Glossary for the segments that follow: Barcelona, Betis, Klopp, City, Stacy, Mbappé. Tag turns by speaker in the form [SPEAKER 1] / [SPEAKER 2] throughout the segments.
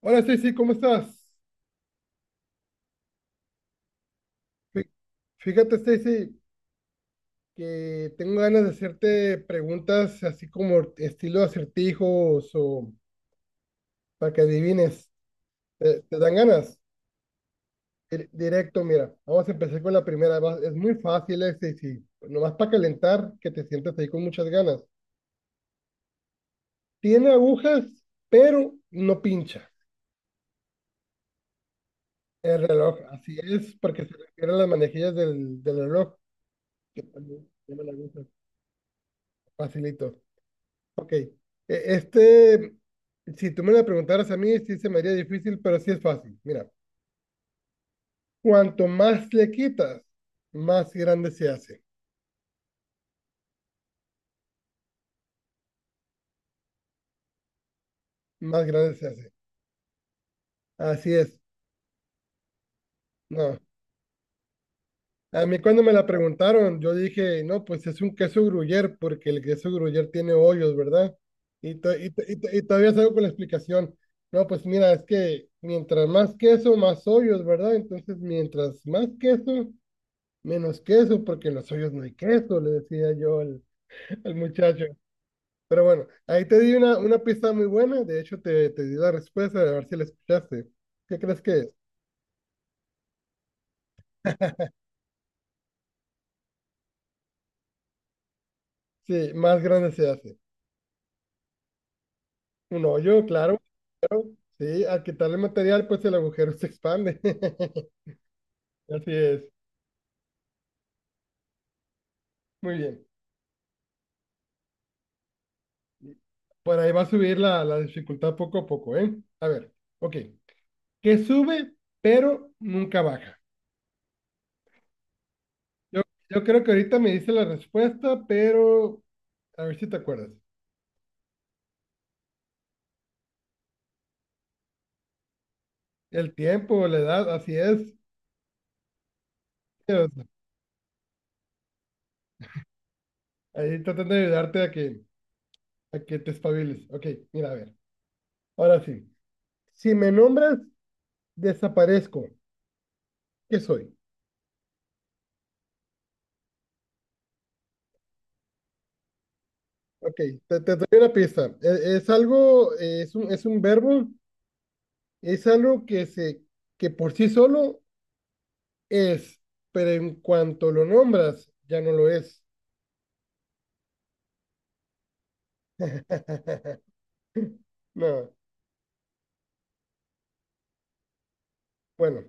[SPEAKER 1] Hola Stacy, ¿cómo estás? Fí- Fíjate Stacy que tengo ganas de hacerte preguntas así como estilo acertijos o para que adivines. ¿Te dan ganas? Directo, mira, vamos a empezar con la primera. Es muy fácil, Stacy, nomás para calentar, que te sientas ahí con muchas ganas. Tiene agujas, pero no pincha el reloj. Así es, porque se refiere a las manejillas del reloj, que también tienen agujas. Facilito. Ok. Este, si tú me la preguntaras a mí, sí se me haría difícil, pero sí es fácil. Mira, cuanto más le quitas, más grande se hace. Más grande se hace. Así es. No. A mí, cuando me la preguntaron, yo dije, no, pues es un queso gruyere, porque el queso gruyere tiene hoyos, ¿verdad? Y todavía salgo con la explicación. No, pues mira, es que mientras más queso, más hoyos, ¿verdad? Entonces, mientras más queso, menos queso, porque en los suyos no hay queso, le decía yo al muchacho. Pero bueno, ahí te di una pista muy buena, de hecho te di la respuesta, a ver si la escuchaste. ¿Qué crees que es? Sí, más grande se hace. Un hoyo, claro. Sí, al quitarle material, pues el agujero se expande. Así es. Muy bien. Por ahí va a subir la dificultad poco a poco, ¿eh? A ver, ok. Que sube, pero nunca baja. Yo, yo creo que ahorita me dice la respuesta, pero a ver si te acuerdas. El tiempo, la edad, así es. Dios, ahí tratando de ayudarte a que te espabiles. Ok, mira, a ver. Ahora sí. Si me nombras, desaparezco. ¿Qué soy? Ok, te doy una pista. Es algo, es un verbo, es algo que se, que por sí solo es, pero en cuanto lo nombras, ya no lo es. No, bueno.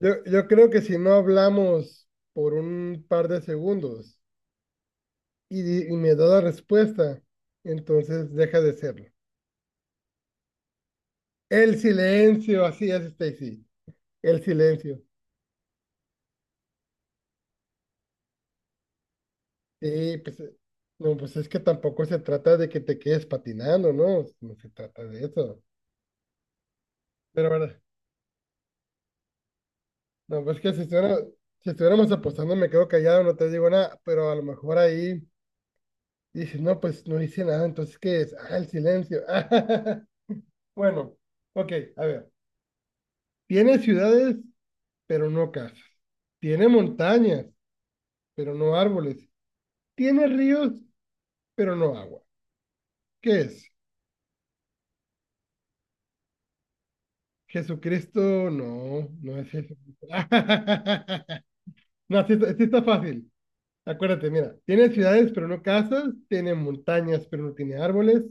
[SPEAKER 1] Yo creo que si no hablamos por un par de segundos y me da la respuesta, entonces deja de serlo. El silencio, así es, Stacy. El silencio. Sí, pues, no, pues es que tampoco se trata de que te quedes patinando, ¿no? No se trata de eso. Pero bueno, no, pues que si estuviéramos apostando, me quedo callado, no te digo nada, pero a lo mejor ahí dices, no, pues no hice nada, entonces ¿qué es? Ah, el silencio. Bueno, ok, a ver. Tiene ciudades, pero no casas. Tiene montañas, pero no árboles. Tiene ríos, pero no agua. ¿Qué es? Jesucristo, no, no es Jesucristo. No, sí, está, sí está fácil. Acuérdate, mira, tiene ciudades, pero no casas. Tiene montañas, pero no tiene árboles.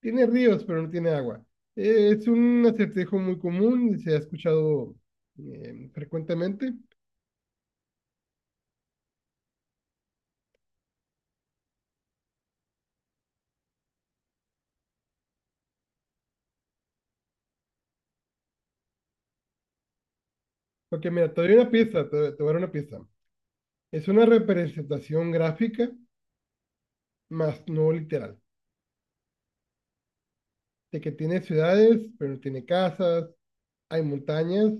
[SPEAKER 1] Tiene ríos, pero no tiene agua. Es un acertijo muy común y se ha escuchado, frecuentemente. Porque mira, te doy una pista, te voy a dar una pista. Es una representación gráfica, más no literal, de que tiene ciudades, pero no tiene casas, hay montañas,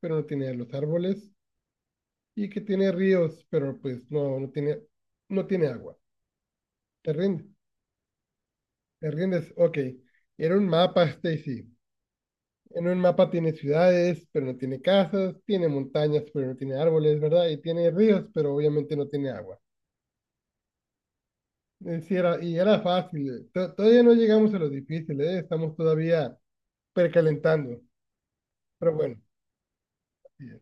[SPEAKER 1] pero no tiene los árboles, y que tiene ríos, pero pues no tiene, no tiene agua. ¿Te rindes? ¿Te rindes? Ok. Era un mapa, Stacy. En un mapa tiene ciudades, pero no tiene casas, tiene montañas, pero no tiene árboles, ¿verdad? Y tiene ríos, pero obviamente no tiene agua. Y era fácil. Todavía no llegamos a lo difícil, ¿eh? Estamos todavía precalentando. Pero bueno, bien.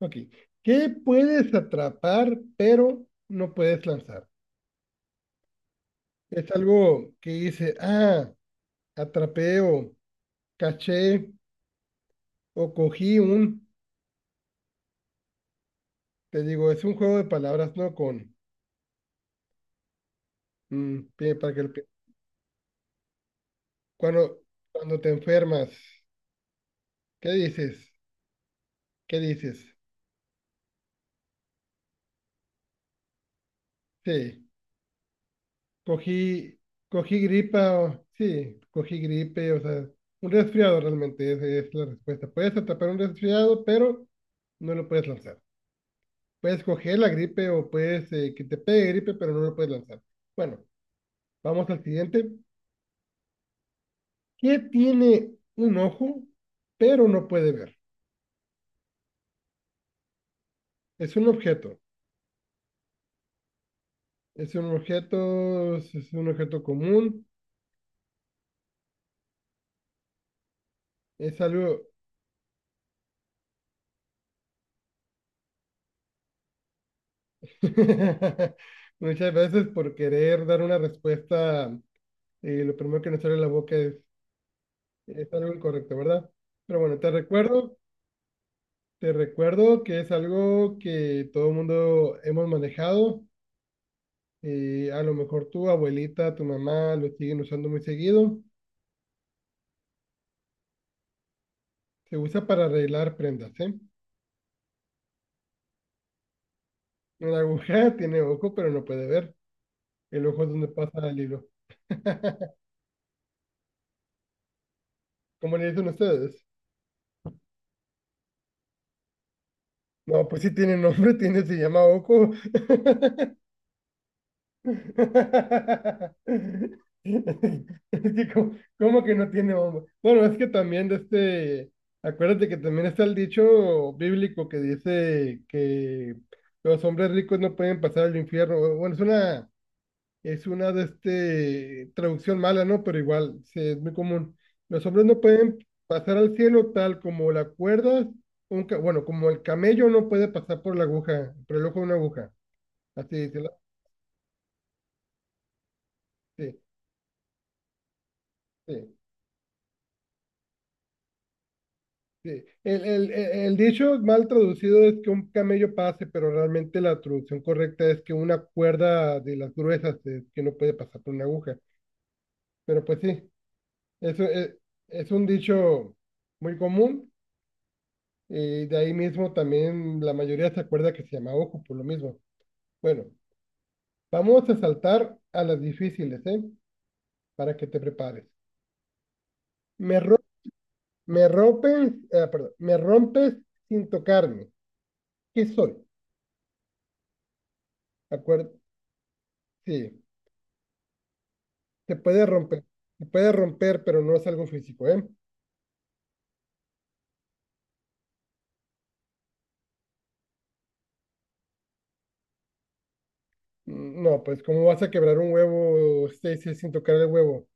[SPEAKER 1] Ok. ¿Qué puedes atrapar, pero no puedes lanzar? Es algo que dice, ah, atrapé o caché o cogí un, te digo, es un juego de palabras, ¿no? Con, mm, pi- para que lo pi- Cuando, cuando te enfermas, ¿qué dices? ¿Qué dices? Sí, cogí, cogí gripa, o- sí, cogí gripe, o sea, un resfriado realmente, esa es la respuesta. Puedes atrapar un resfriado, pero no lo puedes lanzar. Puedes coger la gripe o puedes, que te pegue gripe, pero no lo puedes lanzar. Bueno, vamos al siguiente. ¿Qué tiene un ojo, pero no puede ver? Es un objeto. Es un objeto, es un objeto común. Es algo. Muchas veces, por querer dar una respuesta, lo primero que nos sale de la boca es algo incorrecto, ¿verdad? Pero bueno, te recuerdo, te, recuerdo que es algo que todo el mundo hemos manejado. A lo mejor tu abuelita, tu mamá lo siguen usando muy seguido. Se usa para arreglar prendas, ¿eh? Una aguja tiene ojo, pero no puede ver. El ojo es donde pasa el hilo. ¿Cómo le dicen ustedes? No, pues sí tiene nombre, tiene, se llama ojo. Es que como, como que no tiene bomba. Bueno, es que también acuérdate que también está el dicho bíblico que dice que los hombres ricos no pueden pasar al infierno. Bueno, es una de este traducción mala, ¿no? Pero igual, sí, es muy común. Los hombres no pueden pasar al cielo tal como la cuerda, bueno, como el camello no puede pasar por la aguja, por el ojo de una aguja. Así dice la- sí, sí. Sí, el dicho mal traducido es que un camello pase, pero realmente la traducción correcta es que una cuerda de las gruesas es que no puede pasar por una aguja. Pero pues sí, eso es un dicho muy común, y de ahí mismo también la mayoría se acuerda que se llama ojo por lo mismo. Bueno, vamos a saltar a las difíciles, ¿eh? Para que te prepares. Me, ro- me rompes, ah, perdón, me rompes sin tocarme. ¿Qué soy? ¿De acuerdo? Sí. Se puede romper, se puede romper, pero no es algo físico, ¿eh? No, pues ¿cómo vas a quebrar un huevo, Stacy, sin tocar el huevo?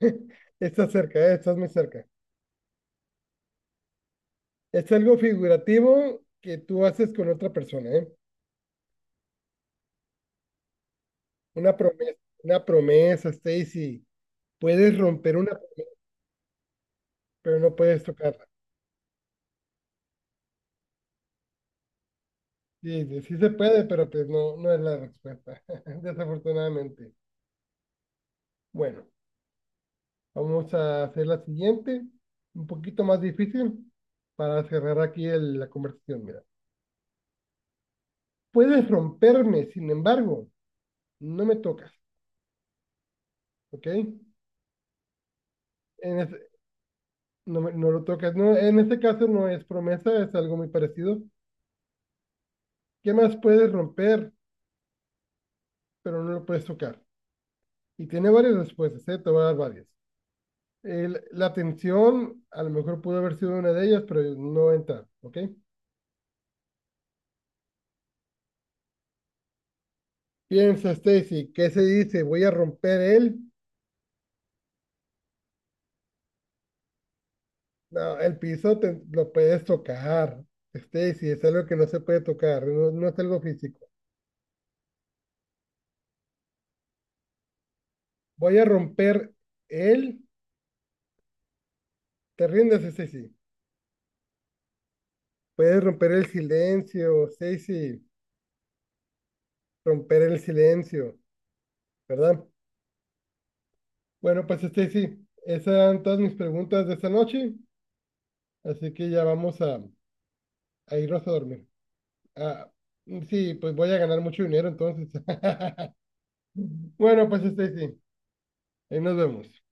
[SPEAKER 1] Estás cerca, ¿eh? Estás muy cerca. Es algo figurativo que tú haces con otra persona, ¿eh? Una promesa, una promesa, Stacy. Puedes romper una, pero no puedes tocarla. Sí, sí, sí se puede, pero pues no, no es la respuesta, desafortunadamente. Bueno, vamos a hacer la siguiente, un poquito más difícil, para cerrar aquí la conversación. Mira, puedes romperme, sin embargo, no me tocas, ¿ok? Ese- no, no lo tocas. No, en este caso no es promesa, es algo muy parecido. ¿Qué más puedes romper, pero no lo puedes tocar? Y tiene varias respuestas, ¿eh? Te voy a dar varias. La tensión, a lo mejor pudo haber sido una de ellas, pero no entra, ¿ok? Piensa, Stacy, ¿qué se dice? ¿Voy a romper él? No, el piso lo puedes tocar. Stacy, es algo que no se puede tocar, no, no es algo físico. Voy a romper el. ¿Te rindes, Stacy? Puedes romper el silencio, Stacy. Romper el silencio, ¿verdad? Bueno, pues Stacy, esas eran todas mis preguntas de esta noche. Así que ya vamos a irnos a dormir. Ah, sí, pues voy a ganar mucho dinero entonces. Bueno, pues Stacy, ahí nos vemos.